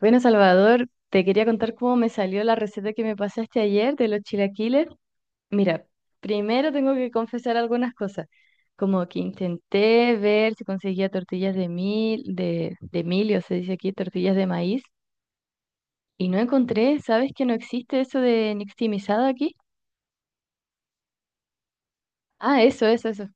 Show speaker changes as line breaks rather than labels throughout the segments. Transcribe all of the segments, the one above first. Bueno, Salvador, te quería contar cómo me salió la receta que me pasaste ayer de los chilaquiles. Mira, primero tengo que confesar algunas cosas, como que intenté ver si conseguía tortillas de mil, de milio, se dice aquí, tortillas de maíz, y no encontré. ¿Sabes que no existe eso de nixtamalizado aquí? Ah, eso, eso, eso.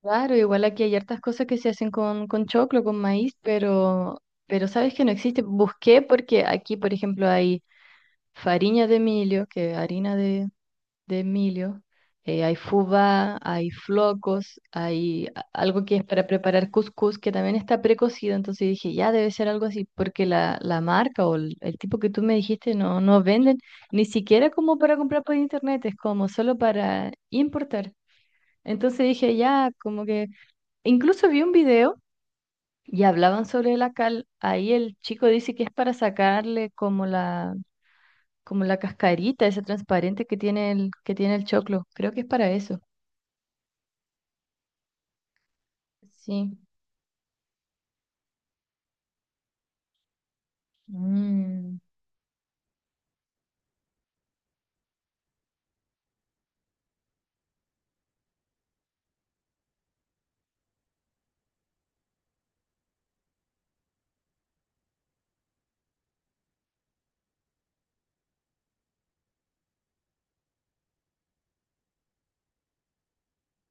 Claro, igual aquí hay hartas cosas que se hacen con choclo, con maíz, pero sabes que no existe. Busqué porque aquí, por ejemplo, hay fariña de milio, que es harina de milho, hay fubá, hay flocos, hay algo que es para preparar cuscús que también está precocido. Entonces dije, ya debe ser algo así, porque la marca o el tipo que tú me dijiste no, no venden ni siquiera como para comprar por internet, es como solo para importar. Entonces dije, ya, como que incluso vi un video y hablaban sobre la cal. Ahí el chico dice que es para sacarle como la cascarita, ese transparente que tiene el choclo. Creo que es para eso. Sí. Mm,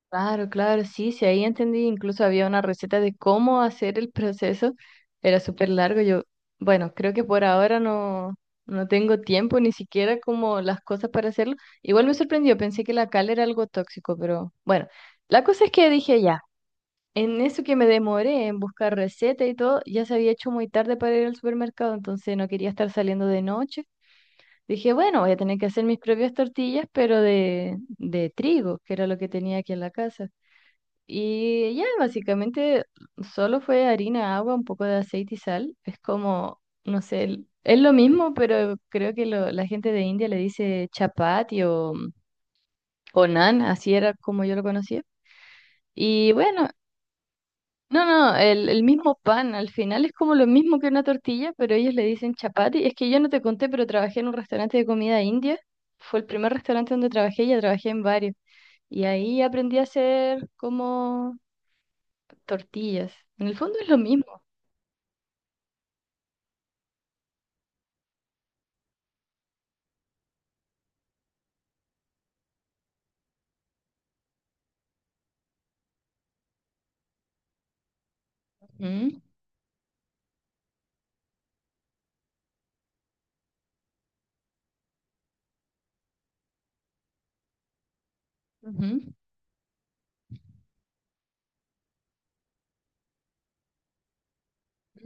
claro, claro, sí, sí, ahí entendí. Incluso había una receta de cómo hacer el proceso. Era súper largo. Yo, bueno, creo que por ahora no, no tengo tiempo ni siquiera como las cosas para hacerlo. Igual me sorprendió, pensé que la cal era algo tóxico, pero bueno, la cosa es que dije ya, en eso que me demoré en buscar receta y todo, ya se había hecho muy tarde para ir al supermercado, entonces no quería estar saliendo de noche. Dije, bueno, voy a tener que hacer mis propias tortillas, pero de trigo, que era lo que tenía aquí en la casa. Y ya, básicamente solo fue harina, agua, un poco de aceite y sal. Es como, no sé, es lo mismo, pero creo que la gente de India le dice chapati o naan, así era como yo lo conocía. Y bueno, no, no, el mismo pan al final es como lo mismo que una tortilla, pero ellos le dicen chapati. Es que yo no te conté, pero trabajé en un restaurante de comida india. Fue el primer restaurante donde trabajé, ya trabajé en varios. Y ahí aprendí a hacer como tortillas. En el fondo es lo mismo. Ujú, ujú,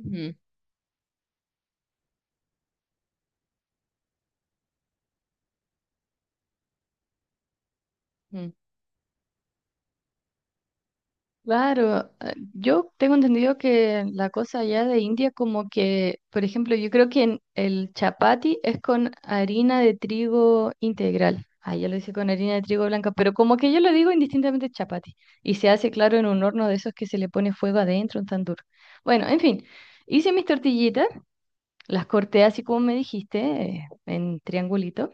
ujú, ujú. Claro, yo tengo entendido que la cosa allá de India como que, por ejemplo, yo creo que en el chapati es con harina de trigo integral. Ah, ya lo hice con harina de trigo blanca, pero como que yo lo digo indistintamente chapati. Y se hace, claro, en un horno de esos que se le pone fuego adentro, un tan duro. Bueno, en fin, hice mis tortillitas, las corté así como me dijiste, en triangulito.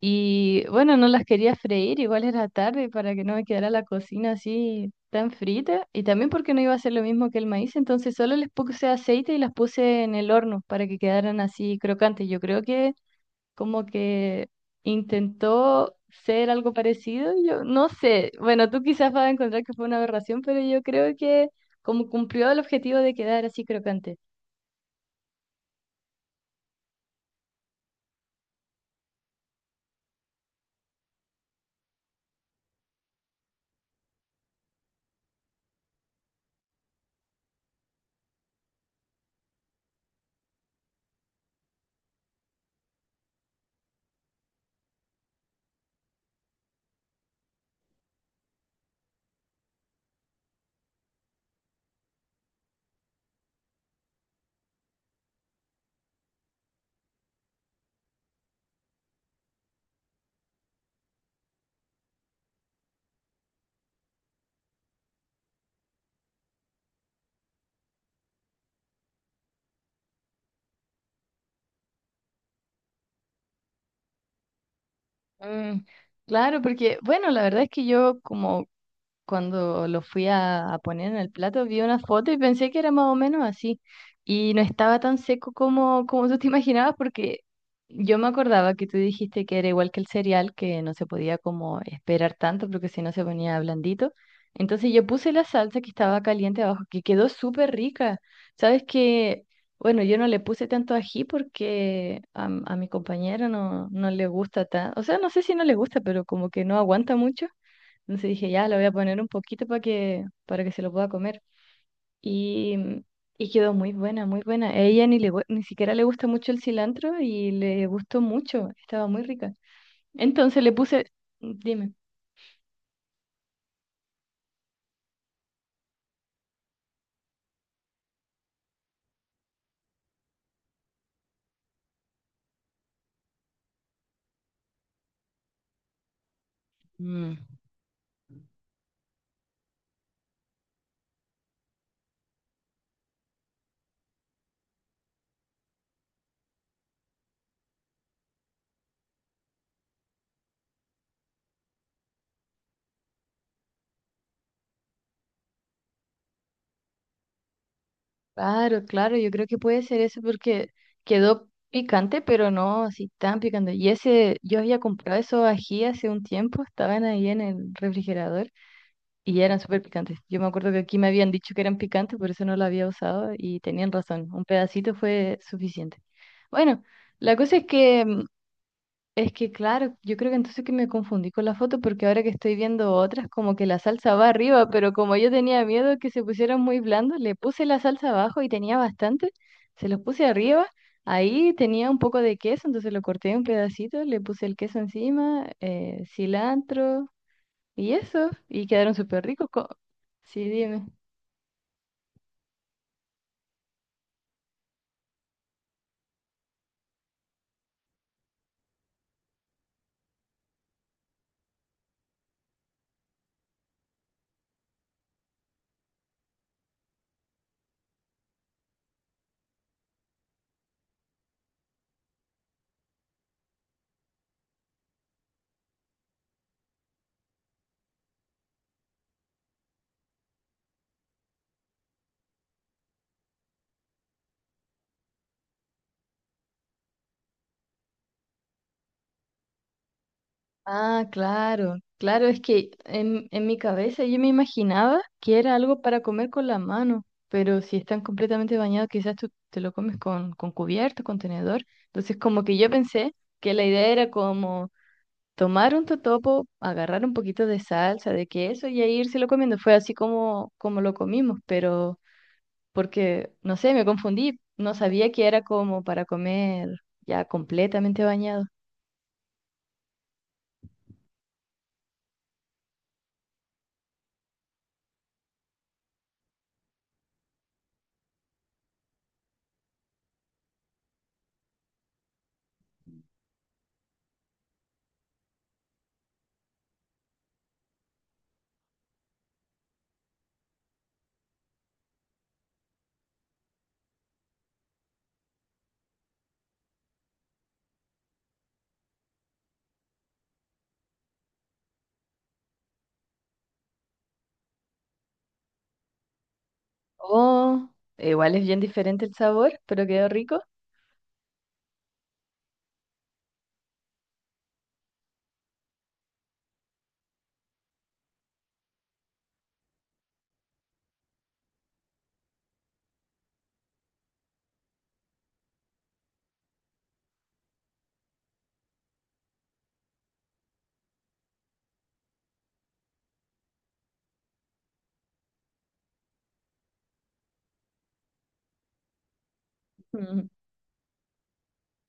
Y bueno, no las quería freír, igual era tarde para que no me quedara la cocina así tan frita. Y también porque no iba a ser lo mismo que el maíz, entonces solo les puse aceite y las puse en el horno para que quedaran así crocantes. Yo creo que como que intentó ser algo parecido, yo no sé. Bueno, tú quizás vas a encontrar que fue una aberración, pero yo creo que como cumplió el objetivo de quedar así crocante. Mm, claro, porque bueno, la verdad es que yo como cuando lo fui a poner en el plato, vi una foto y pensé que era más o menos así. Y no estaba tan seco como, como tú te imaginabas, porque yo me acordaba que tú dijiste que era igual que el cereal, que no se podía como esperar tanto, porque si no se ponía blandito. Entonces yo puse la salsa que estaba caliente abajo, que quedó súper rica. Sabes que, bueno, yo no le puse tanto ají porque a mi compañero no, no le gusta tan, o sea, no sé si no le gusta, pero como que no aguanta mucho. Entonces dije, ya, la voy a poner un poquito para que se lo pueda comer. Y, mm, y quedó muy buena, muy buena. A ella ni, le, ni siquiera le gusta mucho el cilantro y le gustó mucho, estaba muy rica. Entonces le puse, dime. Mm, claro, claro, yo creo que puede ser eso porque quedó picante, pero no así tan picante. Y ese, yo había comprado esos ají hace un tiempo, estaban ahí en el refrigerador. Y eran súper picantes. Yo me acuerdo que aquí me habían dicho que eran picantes, por eso no lo había usado y tenían razón. Un pedacito fue suficiente. Bueno, la cosa es que, mm, es que claro, yo creo que entonces que me confundí con la foto porque ahora que estoy viendo otras, como que la salsa va arriba, pero como yo tenía miedo que se pusieran muy blandos, le puse la salsa abajo y tenía bastante, se los puse arriba. Ahí tenía un poco de queso, entonces lo corté en un pedacito, le puse el queso encima, cilantro, y eso, y quedaron súper ricos. Co- Sí, dime. Ah, claro, claro, es que en mi cabeza yo me imaginaba que era algo para comer con la mano, pero si están completamente bañados, quizás tú te lo comes con cubierto, con tenedor. Entonces, como que yo pensé que la idea era como tomar un totopo, agarrar un poquito de salsa, de queso y ahí írselo comiendo. Fue así como, como lo comimos, pero porque, no sé, me confundí, no sabía que era como para comer ya completamente bañado. Oh, igual es bien diferente el sabor, pero quedó rico. Ujú.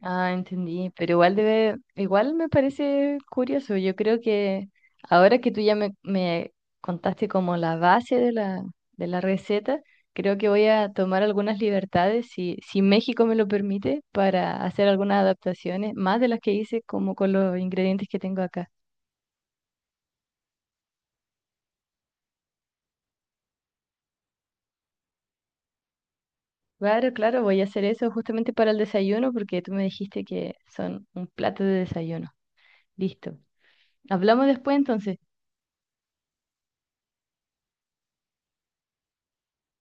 Ah, entendí, pero igual debe, igual me parece curioso. Yo creo que ahora que tú ya me contaste como la base de la receta, creo que voy a tomar algunas libertades, si, si México me lo permite, para hacer algunas adaptaciones, más de las que hice como con los ingredientes que tengo acá. Claro, claro, voy a hacer eso justamente para el desayuno porque tú me dijiste que son un plato de desayuno. Listo. Hablamos después entonces.